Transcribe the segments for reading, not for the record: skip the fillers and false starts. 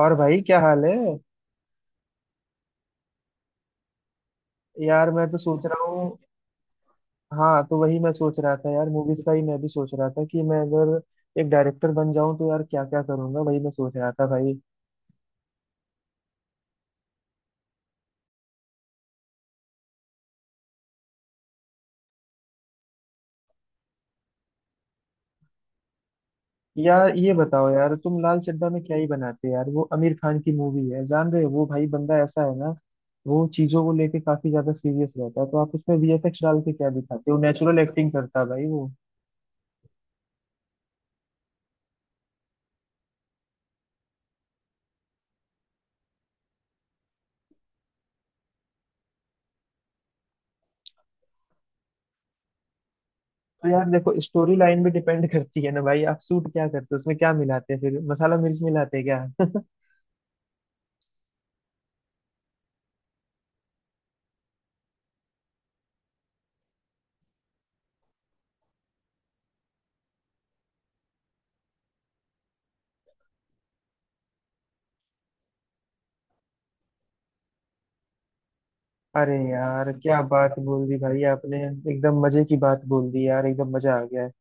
और भाई क्या हाल है? यार मैं तो सोच रहा हूँ। हाँ, तो वही मैं सोच रहा था यार, मूवीज का ही मैं भी सोच रहा था कि मैं अगर एक डायरेक्टर बन जाऊं तो यार क्या क्या करूंगा, वही मैं सोच रहा था भाई। यार ये बताओ यार, तुम लाल चड्ढा में क्या ही बनाते यार, वो आमिर खान की मूवी है, जान रहे हो, वो भाई बंदा ऐसा है ना, वो चीजों को लेके काफी ज्यादा सीरियस रहता है, तो आप उसमें वीएफएक्स डाल के क्या दिखाते हो? नेचुरल एक्टिंग करता है भाई वो। तो यार देखो, स्टोरी लाइन भी डिपेंड करती है ना भाई, आप सूट क्या करते हो, उसमें क्या मिलाते हैं, फिर मसाला मिर्च मिलाते हैं क्या? अरे यार, क्या बात बोल दी भाई आपने, एकदम मजे की बात बोल दी यार, एकदम मजा आ गया है।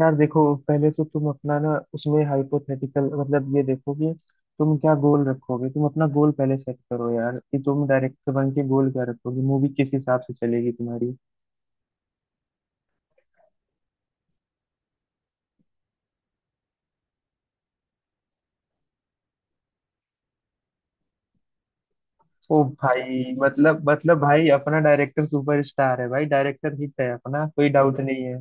यार देखो, पहले तो तुम अपना ना, उसमें हाइपोथेटिकल मतलब ये देखो कि तुम क्या गोल रखोगे, तुम अपना गोल पहले सेट करो यार कि तुम डायरेक्टर बन के गोल क्या रखोगे, मूवी किस हिसाब से चलेगी तुम्हारी। ओ भाई, मतलब भाई, अपना डायरेक्टर सुपरस्टार है भाई, डायरेक्टर हिट है, अपना कोई डाउट नहीं।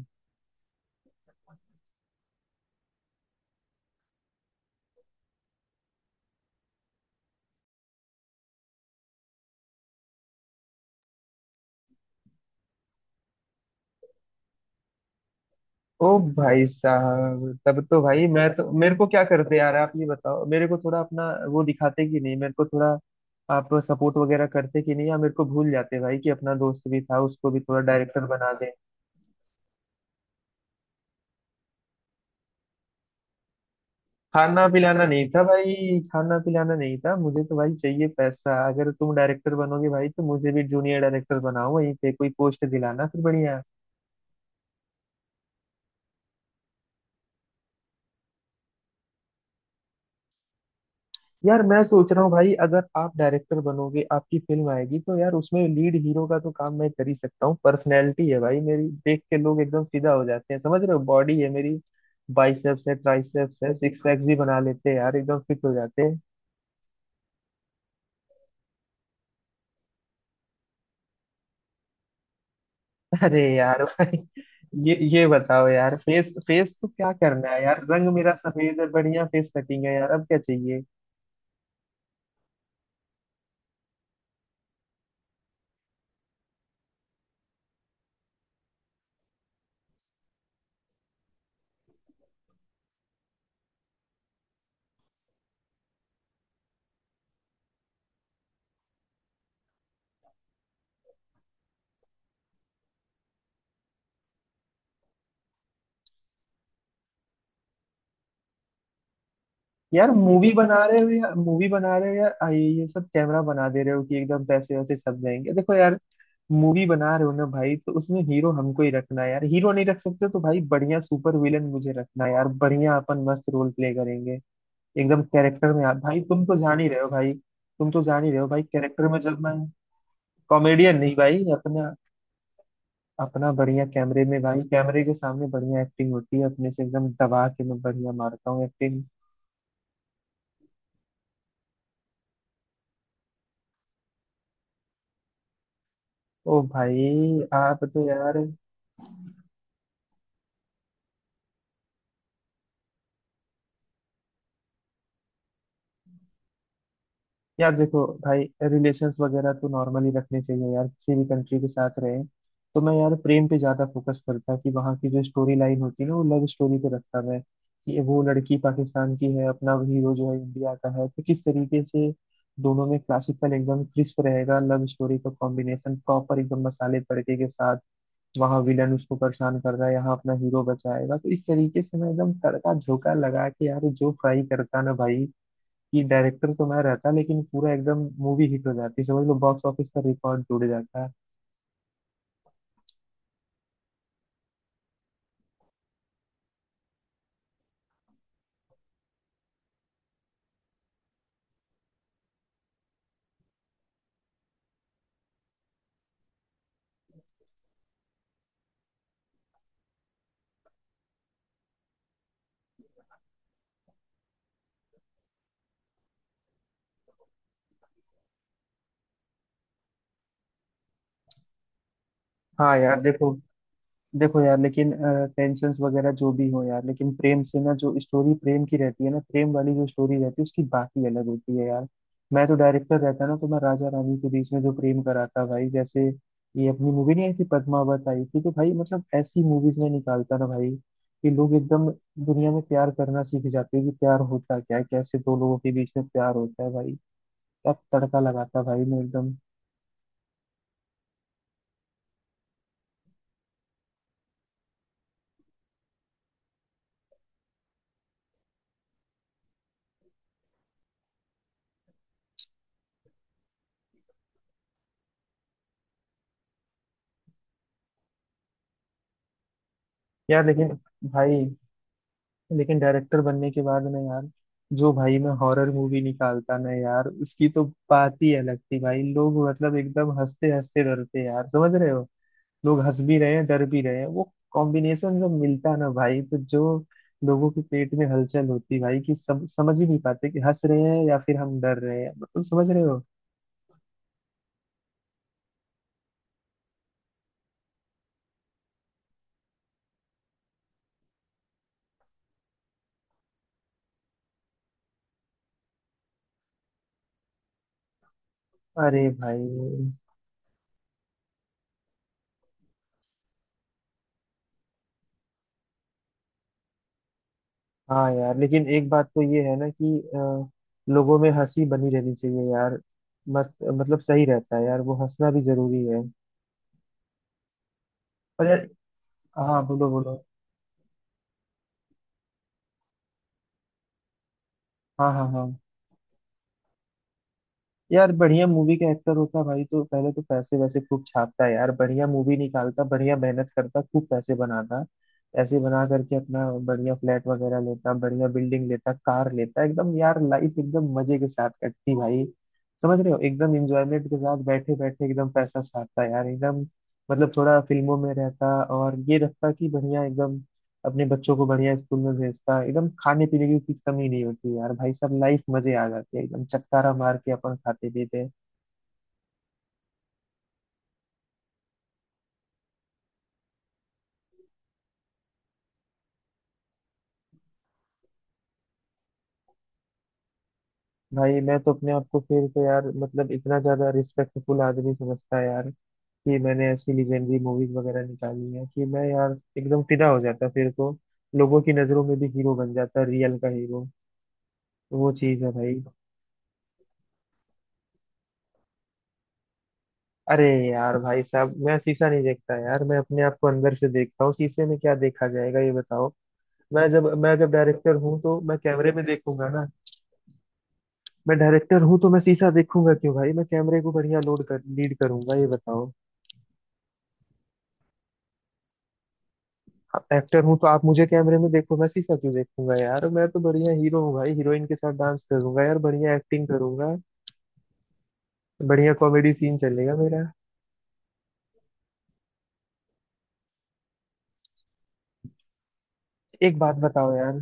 ओ भाई साहब, तब तो भाई मैं तो मेरे को क्या करते यार, आप ये बताओ, मेरे को थोड़ा अपना वो दिखाते कि नहीं, मेरे को थोड़ा आप सपोर्ट वगैरह करते कि नहीं, या मेरे को भूल जाते भाई कि अपना दोस्त भी था उसको भी थोड़ा डायरेक्टर बना दे। खाना पिलाना नहीं था भाई, खाना पिलाना नहीं था, मुझे तो भाई चाहिए पैसा, अगर तुम डायरेक्टर बनोगे भाई तो मुझे भी जूनियर डायरेक्टर बनाओ, वहीं पे कोई पोस्ट दिलाना फिर बढ़िया। यार मैं सोच रहा हूँ भाई, अगर आप डायरेक्टर बनोगे आपकी फिल्म आएगी, तो यार उसमें लीड हीरो का तो काम मैं कर ही सकता हूँ, पर्सनैलिटी है भाई मेरी, देख के लोग एकदम फिदा हो जाते हैं, समझ रहे हो, बॉडी है मेरी, बाइसेप्स है, ट्राइसेप्स है, सिक्स पैक्स भी बना लेते हैं यार, एकदम फिट हो जाते हैं। अरे यार भाई, ये बताओ यार, फेस फेस तो क्या करना है यार, रंग मेरा सफेद है, बढ़िया फेस कटिंग है यार, अब क्या चाहिए? यार मूवी बना रहे हो या मूवी बना रहे हो या ये सब कैमरा बना दे रहे हो कि एकदम पैसे वैसे छप जाएंगे, देखो यार, मूवी बना रहे हो ना भाई, तो उसमें हीरो हमको ही रखना है यार, हीरो नहीं रख सकते तो भाई बढ़िया सुपर विलन मुझे रखना है यार, बढ़िया अपन मस्त रोल प्ले करेंगे एकदम कैरेक्टर में आ भाई, तुम तो जान ही रहे हो भाई, तुम तो जान ही रहे हो भाई, कैरेक्टर में जब मैं, कॉमेडियन नहीं भाई, अपना अपना बढ़िया कैमरे में भाई, कैमरे के सामने बढ़िया एक्टिंग होती है, अपने से एकदम दबा के मैं बढ़िया मारता हूँ एक्टिंग। ओ भाई, आप तो यार, यार देखो भाई, रिलेशंस वगैरह तो नॉर्मली रखने चाहिए यार, किसी भी कंट्री के साथ रहे, तो मैं यार प्रेम पे ज्यादा फोकस करता कि वहाँ की जो स्टोरी लाइन होती है ना, वो लव स्टोरी पे रखता मैं, कि वो लड़की पाकिस्तान की है, अपना हीरो जो है इंडिया का है, तो किस तरीके से दोनों में क्लासिकल एकदम क्रिस्प रहेगा लव स्टोरी का कॉम्बिनेशन प्रॉपर एकदम मसाले तड़के के साथ, वहाँ विलन उसको परेशान कर रहा है, यहाँ अपना हीरो बचाएगा, तो इस तरीके से मैं एकदम तड़का झोंका लगा के यार जो फ्राई करता ना भाई, कि डायरेक्टर तो मैं रहता लेकिन पूरा एकदम मूवी हिट हो जाती, समझ लो बॉक्स ऑफिस का रिकॉर्ड जुड़ जाता है। हाँ यार देखो, देखो यार लेकिन टेंशन वगैरह जो भी हो यार, लेकिन प्रेम से ना, जो स्टोरी प्रेम की रहती है ना, प्रेम वाली जो स्टोरी रहती है उसकी बात ही अलग होती है यार। मैं तो डायरेक्टर रहता ना तो मैं राजा रानी के बीच में जो प्रेम कराता भाई, जैसे ये अपनी मूवी नहीं आई थी पद्मावत आई थी, तो भाई मतलब ऐसी मूवीज में निकालता ना भाई कि लोग एकदम दुनिया में प्यार करना सीख जाते हैं कि प्यार होता क्या है, कैसे दो लोगों के बीच में प्यार होता है भाई, क्या तड़का लगाता भाई मैं एकदम। यार लेकिन भाई, लेकिन डायरेक्टर बनने के बाद में यार, जो भाई मैं हॉरर मूवी निकालता ना यार, उसकी तो बात ही अलग थी भाई, लोग मतलब एकदम हंसते हंसते डरते यार, समझ रहे हो, लोग हंस भी रहे हैं डर भी रहे हैं, वो कॉम्बिनेशन जब मिलता ना भाई, तो जो लोगों के पेट में हलचल होती भाई कि सब समझ ही नहीं पाते कि हंस रहे हैं या फिर हम डर रहे हैं, मतलब समझ रहे हो। अरे भाई, हाँ यार लेकिन एक बात तो ये है ना कि लोगों में हंसी बनी रहनी चाहिए यार, मत मतलब सही रहता है यार, वो हंसना भी जरूरी है, और यार, हाँ बोलो बोलो, हाँ हाँ हाँ। यार बढ़िया मूवी का एक्टर होता भाई, तो पहले तो पैसे वैसे खूब छापता यार, बढ़िया मूवी निकालता, बढ़िया मेहनत करता, खूब पैसे बनाता, ऐसे बना करके अपना बढ़िया फ्लैट वगैरह लेता, बढ़िया बिल्डिंग लेता, कार लेता, एकदम यार लाइफ एकदम मजे के साथ कटती भाई, समझ रहे हो, एकदम इंजॉयमेंट के साथ बैठे बैठे एकदम पैसा छापता यार एकदम, मतलब थोड़ा फिल्मों में रहता और ये रहता कि बढ़िया एकदम अपने बच्चों को बढ़िया स्कूल में भेजता, एकदम खाने पीने की कुछ कमी नहीं होती यार भाई, सब लाइफ मजे आ जाते हैं, एकदम चटकारा मार के अपन खाते पीते हैं। भाई मैं तो अपने आप को फिर तो यार, मतलब इतना ज्यादा रिस्पेक्टफुल आदमी समझता है यार कि मैंने ऐसी लीजेंडरी मूवीज वगैरह निकाली है, कि मैं यार एकदम फिदा हो जाता फिर तो, लोगों की नजरों में भी हीरो बन जाता, रियल का हीरो, वो चीज है भाई। अरे यार भाई साहब, मैं शीशा नहीं देखता यार, मैं अपने आप को अंदर से देखता हूँ, शीशे में क्या देखा जाएगा ये बताओ। मैं जब डायरेक्टर हूँ तो मैं कैमरे में देखूंगा ना। मैं डायरेक्टर हूँ तो मैं शीशा देखूंगा क्यों भाई, मैं कैमरे को बढ़िया लोड कर लीड करूंगा ये बताओ। एक्टर हूँ तो आप मुझे कैमरे में देखो, मैं शीशा क्यों देखूंगा यार, मैं तो बढ़िया हीरो हूँ भाई, हीरोइन के साथ डांस करूंगा यार, बढ़िया एक्टिंग करूंगा, बढ़िया कॉमेडी सीन चलेगा मेरा। एक बात बताओ यार,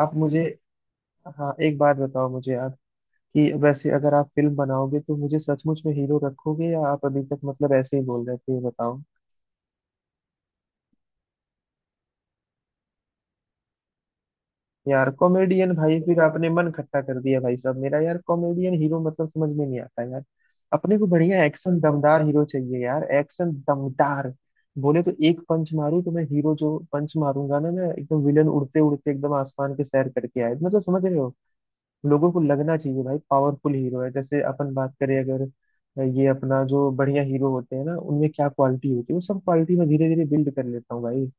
आप मुझे, हाँ एक बात बताओ मुझे आप, कि वैसे अगर आप फिल्म बनाओगे तो मुझे सचमुच में हीरो रखोगे या आप अभी तक मतलब ऐसे ही बोल रहे थे ये बताओ। यार कॉमेडियन भाई, फिर आपने मन खट्टा कर दिया भाई साहब मेरा यार, कॉमेडियन हीरो मतलब समझ में नहीं आता यार, अपने को बढ़िया एक्शन दमदार हीरो चाहिए यार, एक्शन दमदार बोले तो एक पंच मारूं तो मैं हीरो जो पंच मारूंगा ना मैं, एकदम विलन उड़ते उड़ते एकदम आसमान के सैर करके आए, मतलब समझ रहे हो, लोगों को लगना चाहिए भाई पावरफुल हीरो है, जैसे अपन बात करें अगर, ये अपना जो बढ़िया हीरो होते हैं ना उनमें क्या क्वालिटी होती है वो सब क्वालिटी मैं धीरे धीरे बिल्ड कर लेता हूँ भाई।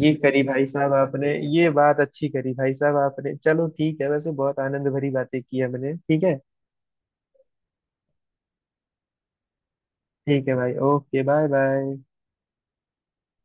ये करी भाई साहब आपने, ये बात अच्छी करी भाई साहब आपने, चलो ठीक है, वैसे बहुत आनंद भरी बातें की हमने, ठीक है, ठीक है भाई, ओके, बाय बाय।